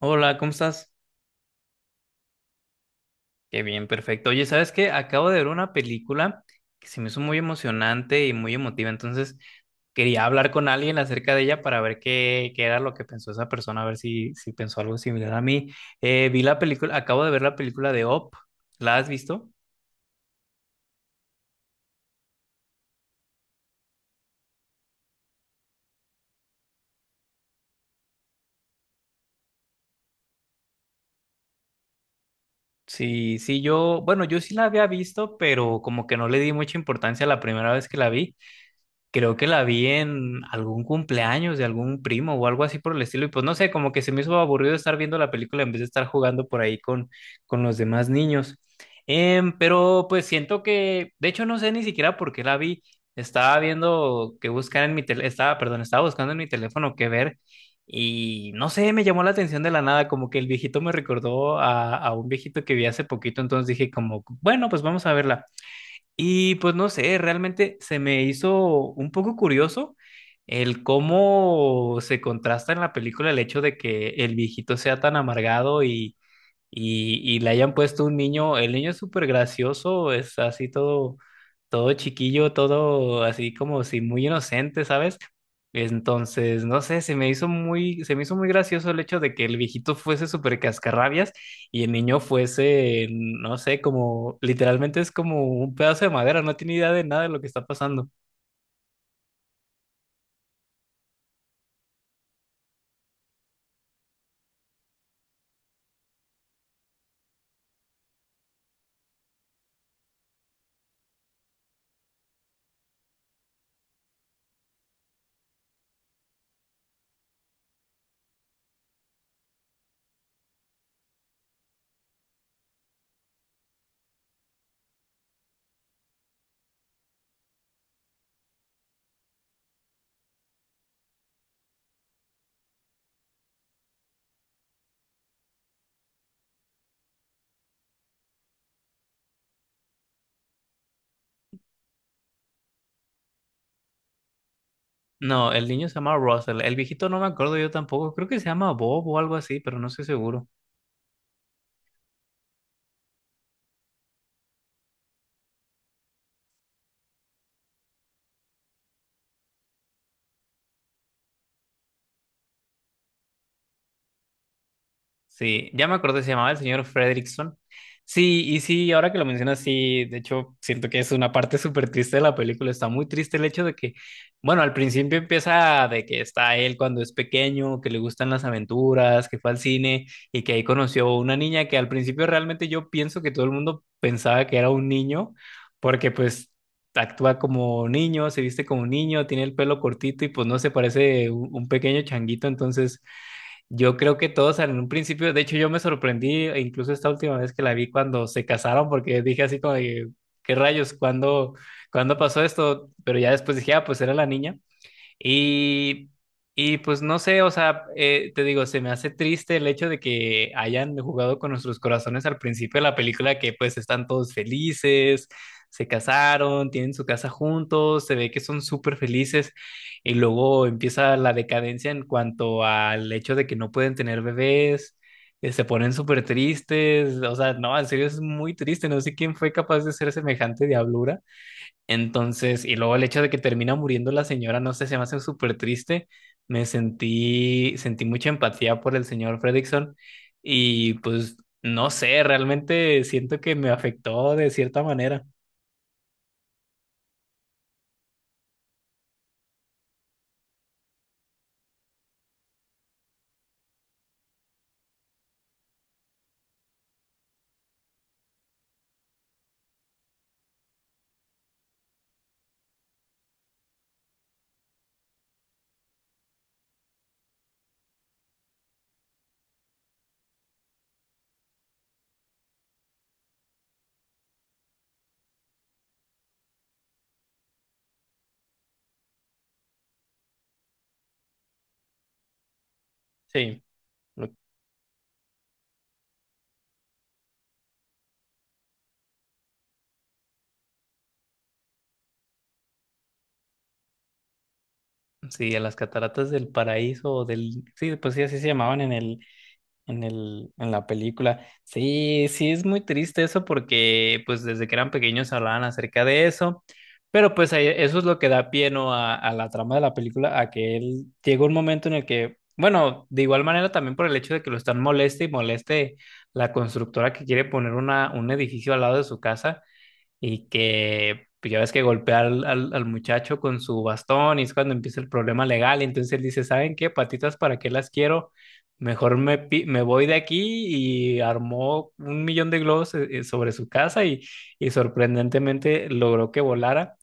Hola, ¿cómo estás? Qué bien, perfecto. Oye, ¿sabes qué? Acabo de ver una película que se me hizo muy emocionante y muy emotiva, entonces quería hablar con alguien acerca de ella para ver qué era lo que pensó esa persona, a ver si pensó algo similar a mí. Vi la película, acabo de ver la película de Up. ¿La has visto? Sí, sí, yo, bueno, yo sí la había visto, pero como que no le di mucha importancia la primera vez que la vi. Creo que la vi en algún cumpleaños de algún primo o algo así por el estilo. Y pues no sé, como que se me hizo aburrido estar viendo la película en vez de estar jugando por ahí con los demás niños. Pero pues siento que, de hecho, no sé ni siquiera por qué la vi. Estaba viendo que buscar en mi teléfono, estaba, perdón, estaba buscando en mi teléfono qué ver. Y no sé, me llamó la atención de la nada, como que el viejito me recordó a un viejito que vi hace poquito. Entonces dije como, bueno, pues vamos a verla. Y pues no sé, realmente se me hizo un poco curioso el cómo se contrasta en la película el hecho de que el viejito sea tan amargado y le hayan puesto un niño, el niño es súper gracioso, es así todo, todo chiquillo, todo así como si muy inocente, ¿sabes? Entonces, no sé, se me hizo muy gracioso el hecho de que el viejito fuese súper cascarrabias y el niño fuese, no sé, como literalmente es como un pedazo de madera, no tiene idea de nada de lo que está pasando. No, el niño se llama Russell, el viejito no me acuerdo yo tampoco, creo que se llama Bob o algo así, pero no estoy seguro. Sí, ya me acordé, se llamaba el señor Fredrickson. Sí, y sí, ahora que lo mencionas, sí, de hecho, siento que es una parte súper triste de la película. Está muy triste el hecho de que, bueno, al principio empieza de que está él cuando es pequeño, que le gustan las aventuras, que fue al cine y que ahí conoció una niña que al principio realmente yo pienso que todo el mundo pensaba que era un niño, porque pues actúa como niño, se viste como niño, tiene el pelo cortito y pues no se parece un pequeño changuito, entonces. Yo creo que todos en un principio, de hecho yo me sorprendí, e incluso esta última vez que la vi cuando se casaron, porque dije así como de, ¿qué rayos? ¿Cuándo, cuándo pasó esto? Pero ya después dije, ah, pues era la niña. Y, y pues no sé, o sea, te digo, se me hace triste el hecho de que hayan jugado con nuestros corazones al principio de la película, que pues están todos felices, se casaron, tienen su casa juntos, se ve que son súper felices y luego empieza la decadencia en cuanto al hecho de que no pueden tener bebés. Se ponen súper tristes, o sea, no, en serio es muy triste, no sé quién fue capaz de hacer semejante diablura. Entonces, y luego el hecho de que termina muriendo la señora, no sé, se me hace súper triste. Me sentí, sentí mucha empatía por el señor Fredrickson y pues no sé, realmente siento que me afectó de cierta manera. Sí, lo- sí, a las cataratas del paraíso o del, sí, pues sí, así se llamaban en en el, en la película. Sí, sí, es muy triste eso porque pues desde que eran pequeños hablaban acerca de eso, pero pues ahí- eso es lo que da pie, ¿no? A la trama de la película, a que él llega un momento en el que, bueno, de igual manera también por el hecho de que lo están moleste y moleste la constructora que quiere poner una, un edificio al lado de su casa, y que pues, ya ves que golpea al muchacho con su bastón y es cuando empieza el problema legal. Entonces él dice, ¿saben qué? Patitas, ¿para qué las quiero? Mejor me, pi- me voy de aquí y armó 1.000.000 de globos sobre su casa y sorprendentemente logró que volara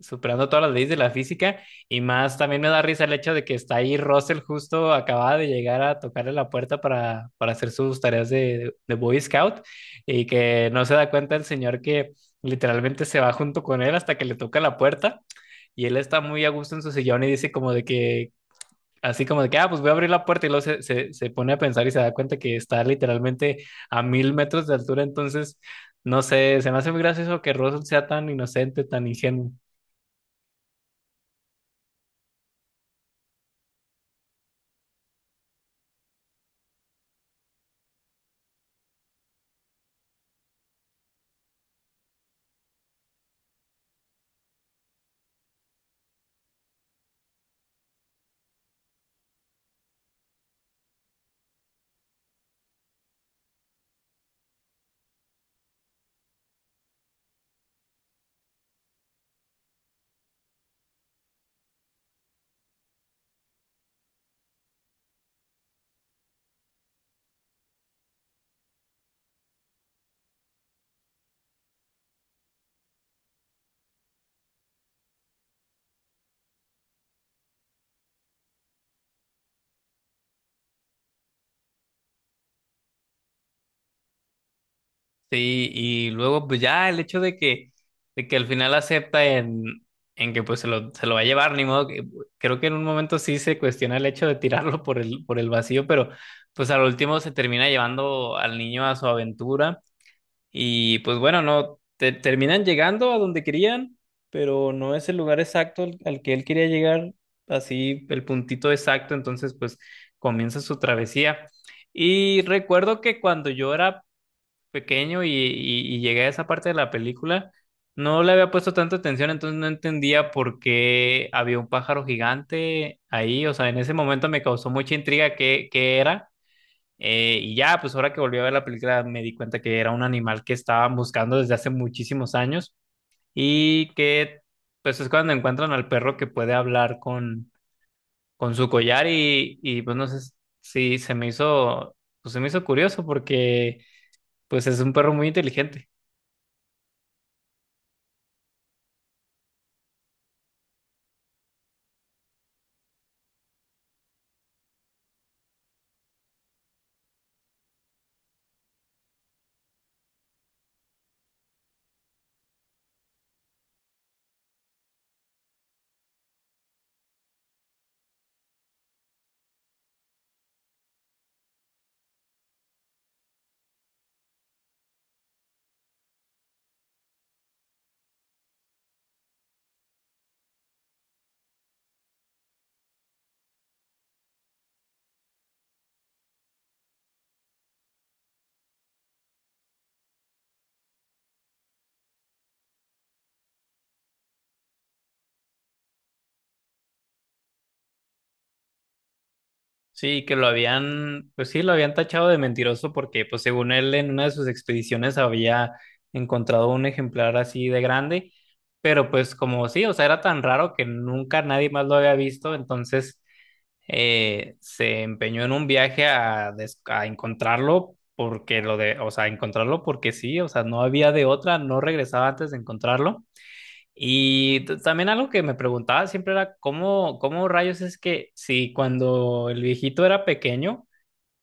superando todas las leyes de la física y más también me da risa el hecho de que está ahí Russell justo acababa de llegar a tocarle la puerta para hacer sus tareas de Boy Scout y que no se da cuenta el señor que literalmente se va junto con él hasta que le toca la puerta y él está muy a gusto en su sillón y dice como de que así como de que, ah, pues voy a abrir la puerta y luego se pone a pensar y se da cuenta que está literalmente a 1.000 metros de altura. Entonces, no sé, se me hace muy gracioso que Russell sea tan inocente, tan ingenuo. Sí, y luego pues ya el hecho de que al final acepta en que pues se lo va a llevar, ni modo, que- creo que en un momento sí se cuestiona el hecho de tirarlo por por el vacío, pero pues al último se termina llevando al niño a su aventura y pues bueno, no, te- terminan llegando a donde querían, pero no es el lugar exacto al que él quería llegar, así el puntito exacto, entonces pues comienza su travesía. Y recuerdo que cuando yo era pequeño y llegué a esa parte de la película, no le había puesto tanta atención, entonces no entendía por qué había un pájaro gigante ahí, o sea, en ese momento me causó mucha intriga qué era, y ya, pues ahora que volví a ver la película me di cuenta que era un animal que estaban buscando desde hace muchísimos años y que pues es cuando encuentran al perro que puede hablar con su collar y pues no sé si se me hizo, pues se me hizo curioso porque pues es un perro muy inteligente. Sí, que lo habían, pues sí, lo habían tachado de mentiroso porque, pues según él, en una de sus expediciones había encontrado un ejemplar así de grande, pero pues como sí, o sea, era tan raro que nunca nadie más lo había visto, entonces se empeñó en un viaje a, des- a encontrarlo porque lo de, o sea, encontrarlo porque sí, o sea, no había de otra, no regresaba antes de encontrarlo. Y t- también algo que me preguntaba siempre era cómo rayos es que si cuando el viejito era pequeño,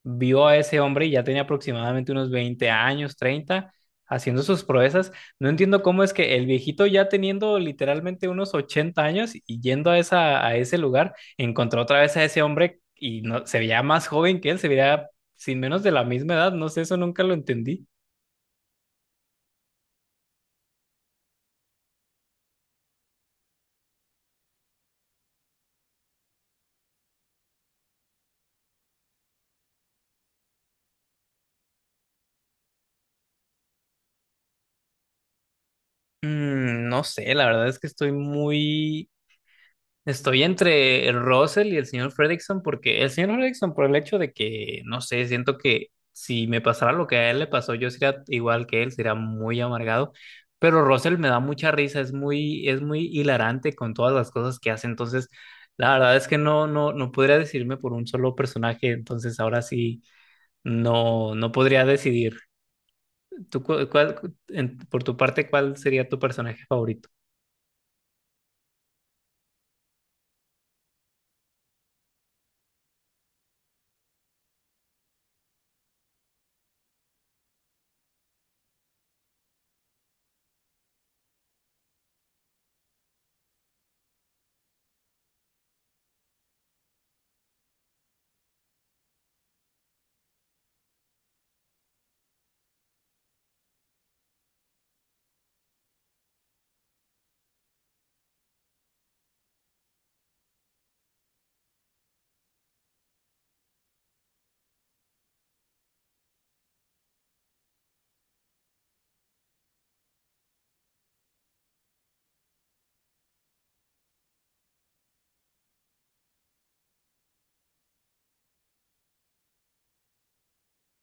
vio a ese hombre y ya tenía aproximadamente unos 20 años, 30 haciendo sus proezas, no entiendo cómo es que el viejito ya teniendo literalmente unos 80 años y yendo a, esa, a ese lugar, encontró otra vez a ese hombre y no, se veía más joven que él, se veía sin menos de la misma edad, no sé, eso nunca lo entendí. Mm, no sé, la verdad es que estoy muy, estoy entre el Russell y el señor Fredrickson porque el señor Fredrickson por el hecho de que, no sé, siento que si me pasara lo que a él le pasó, yo sería igual que él, sería muy amargado, pero Russell me da mucha risa, es muy hilarante con todas las cosas que hace, entonces la verdad es que no podría decidirme por un solo personaje, entonces ahora sí no, no podría decidir. ¿Tú, cu- cuál, en- por tu parte, cuál sería tu personaje favorito?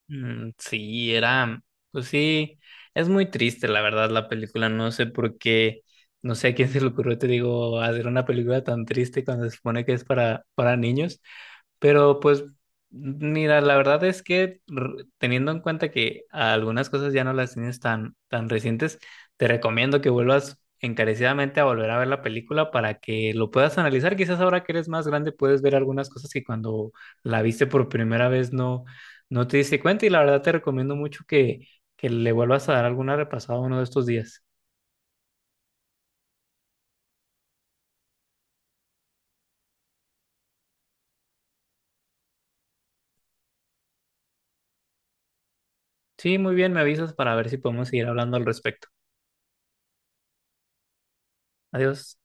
Mm, sí, era, pues sí, es muy triste la verdad la película, no sé por qué, no sé a quién se le ocurrió, te digo, hacer una película tan triste cuando se supone que es para niños, pero pues, mira, la verdad es que r- teniendo en cuenta que algunas cosas ya no las tienes tan recientes, te recomiendo que vuelvas encarecidamente a volver a ver la película para que lo puedas analizar. Quizás ahora que eres más grande puedes ver algunas cosas que cuando la viste por primera vez no, no te diste cuenta y la verdad te recomiendo mucho que le vuelvas a dar alguna repasada uno de estos días. Sí, muy bien, me avisas para ver si podemos seguir hablando al respecto. Adiós.